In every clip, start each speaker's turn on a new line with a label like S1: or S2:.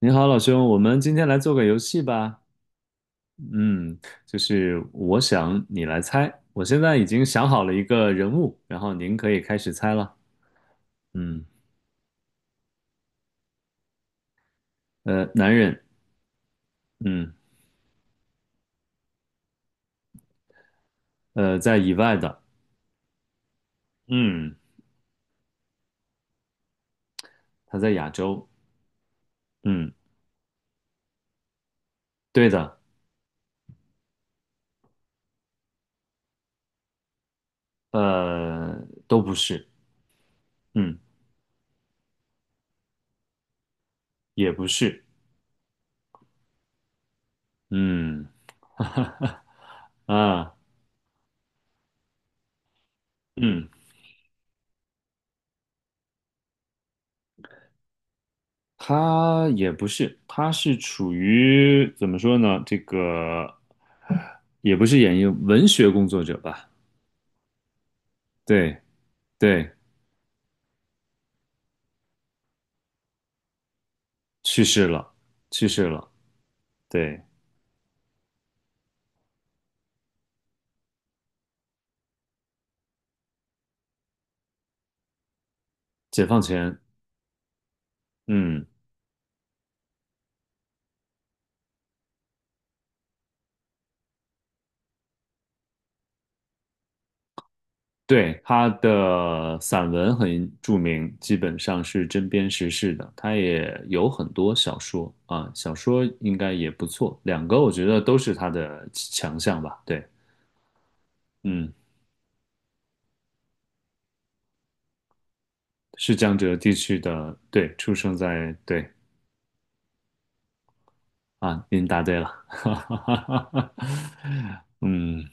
S1: 你好，老兄，我们今天来做个游戏吧。嗯，就是我想你来猜。我现在已经想好了一个人物，然后您可以开始猜了。嗯，男人，嗯，在以外的，嗯，他在亚洲，嗯，对的，呃，都不是，嗯，也不是，嗯，啊，嗯。他也不是，他是处于怎么说呢？这个也不是演艺文学工作者吧？对对，去世了，去世了。对，解放前，嗯，对，他的散文很著名，基本上是针砭时事的。他也有很多小说啊，小说应该也不错，两个我觉得都是他的强项吧。对，嗯，是江浙地区的，对，出生在，对。啊，您答对了，嗯，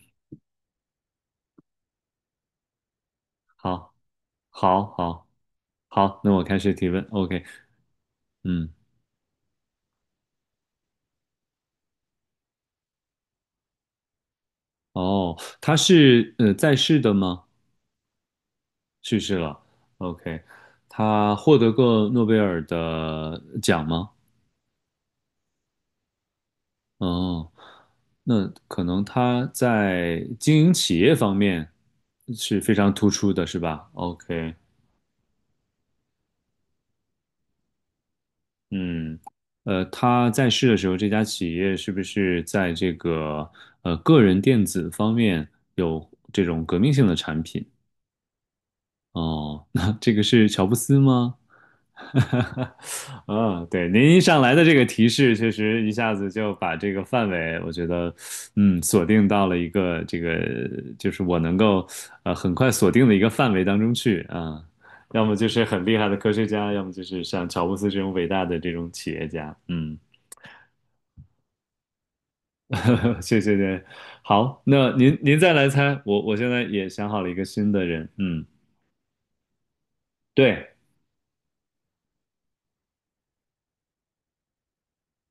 S1: 好，好，好，好，那我开始提问，OK，嗯，哦，他是在世的吗？去世了，OK，他获得过诺贝尔的奖吗？哦，那可能他在经营企业方面是非常突出的，是吧？OK，嗯，他在世的时候，这家企业是不是在这个个人电子方面有这种革命性的产品？哦，那这个是乔布斯吗？啊，对，您一上来的这个提示，确实一下子就把这个范围，我觉得，嗯，锁定到了一个这个，就是我能够很快锁定的一个范围当中去啊。要么就是很厉害的科学家，要么就是像乔布斯这种伟大的这种企业家，嗯。谢谢您。好，那您再来猜，我现在也想好了一个新的人，嗯，对，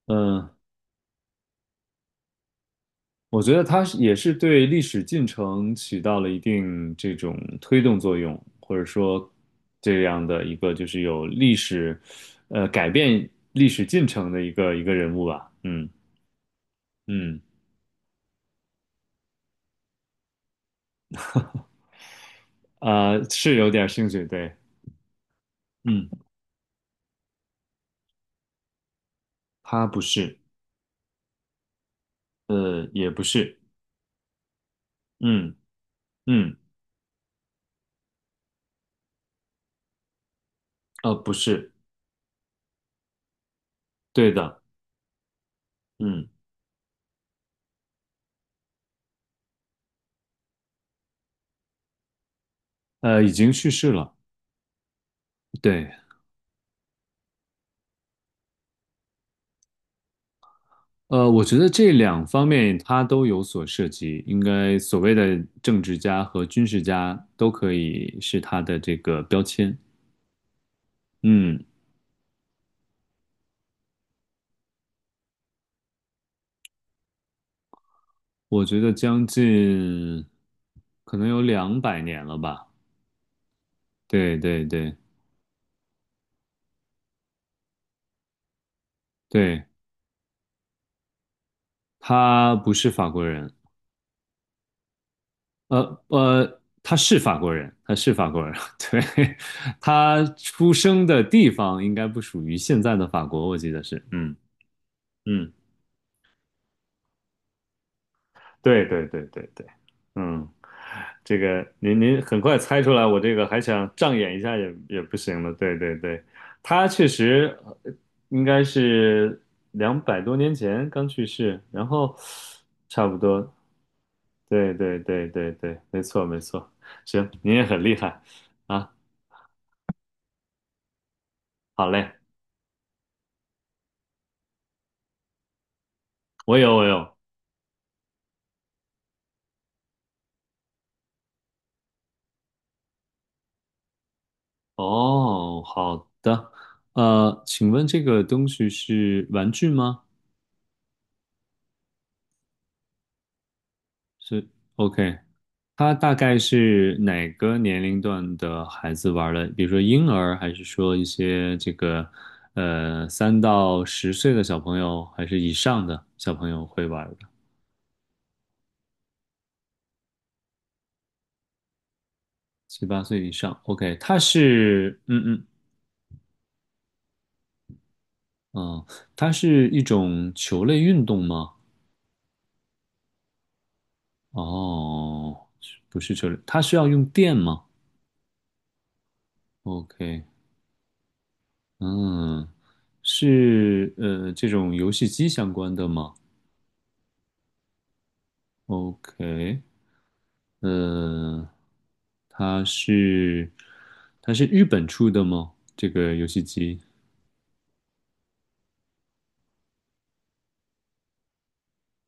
S1: 嗯，我觉得他是也是对历史进程起到了一定这种推动作用，或者说这样的一个就是有历史，改变历史进程的一个人物吧，嗯嗯，啊，是有点兴趣，对，嗯，他不是，也不是，嗯嗯，不是，对的，嗯。已经去世了。对，我觉得这两方面他都有所涉及，应该所谓的政治家和军事家都可以是他的这个标签。嗯，我觉得将近可能有200年了吧。对对对对，他不是法国人，他是法国人，他是法国人。对，他出生的地方应该不属于现在的法国，我记得是。嗯嗯。对对对对对，嗯，这个您很快猜出来，我这个还想障眼一下也不行了。对对对，他确实呃应该是200多年前刚去世，然后差不多。对对对对对，没错没错。行，您也很厉害啊。好嘞，我有我有。哦，好的。请问这个东西是玩具吗？是 OK。它大概是哪个年龄段的孩子玩儿的？比如说婴儿，还是说一些这个3到10岁的小朋友，还是以上的小朋友会玩儿的？七八岁以上，OK，它是嗯嗯哦，它是一种球类运动吗？哦，不是球类，它需要用电吗？OK，嗯，是这种游戏机相关的吗？OK，呃，它是它是日本出的吗？这个游戏机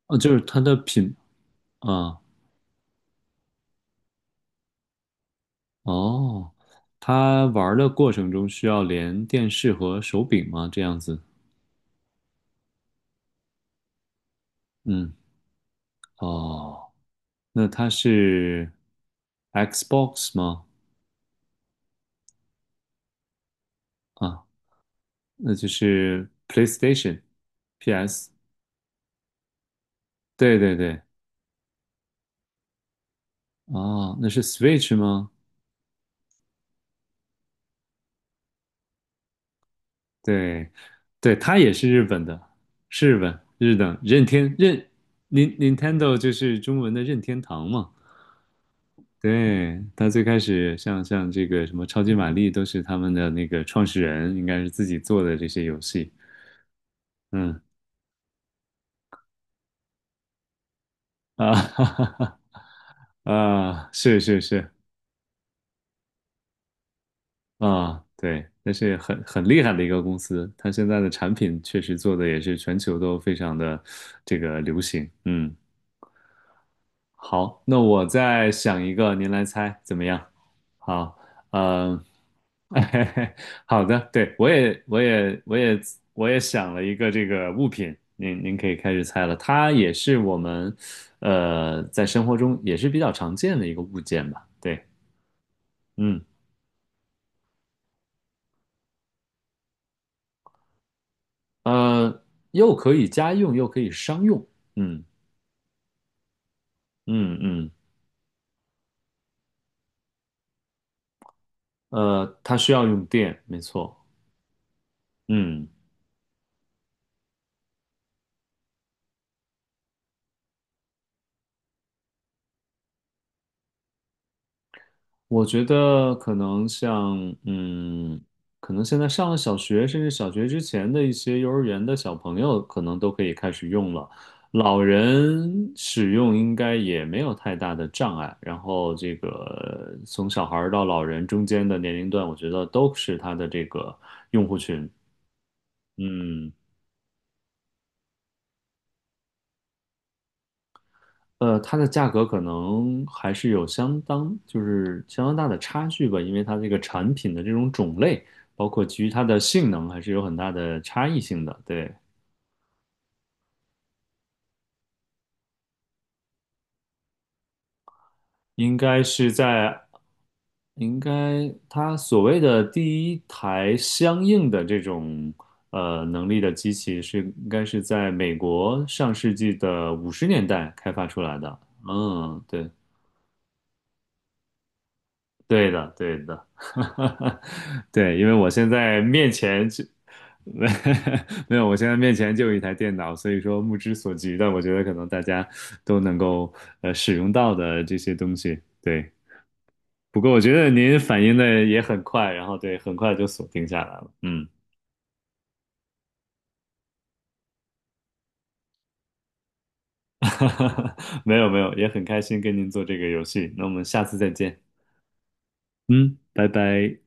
S1: 哦，就是它的品啊哦，它玩的过程中需要连电视和手柄吗？这样子，嗯哦，那它是 Xbox 吗？啊，那就是 PlayStation、PS，对对对，哦，那是 Switch 吗？对，对，他也是日本的，是日本日的任天任 Nin- Nintendo 就是中文的任天堂嘛。对，他最开始像这个什么超级玛丽都是他们的那个创始人应该是自己做的这些游戏。嗯啊 哈哈哈 啊，是是是啊，对，那是很厉害的一个公司，它现在的产品确实做的也是全球都非常的这个流行。嗯好，那我再想一个，您来猜怎么样？好，嗯，好的，对，我也想了一个这个物品，您可以开始猜了。它也是我们，在生活中也是比较常见的一个物件吧？对，嗯，呃，又可以家用，又可以商用，嗯嗯嗯，它需要用电，没错，嗯我觉得可能像，嗯，可能现在上了小学，甚至小学之前的一些幼儿园的小朋友，可能都可以开始用了。老人使用应该也没有太大的障碍。然后这个从小孩儿到老人中间的年龄段，我觉得都是它的这个用户群。嗯。它的价格可能还是有相当，就是相当大的差距吧，因为它这个产品的这种种类，包括基于它的性能，还是有很大的差异性的。对，应该是在，应该它所谓的第一台相应的这种能力的机器是，应该是在美国上世纪的50年代开发出来的。嗯，对。对的，对的，对，因为我现在面前就 没有，我现在面前就有一台电脑，所以说目之所及的，我觉得可能大家都能够使用到的这些东西。对，不过我觉得您反应的也很快，然后对，很快就锁定下来了。嗯，没有没有，也很开心跟您做这个游戏。那我们下次再见。嗯，拜拜。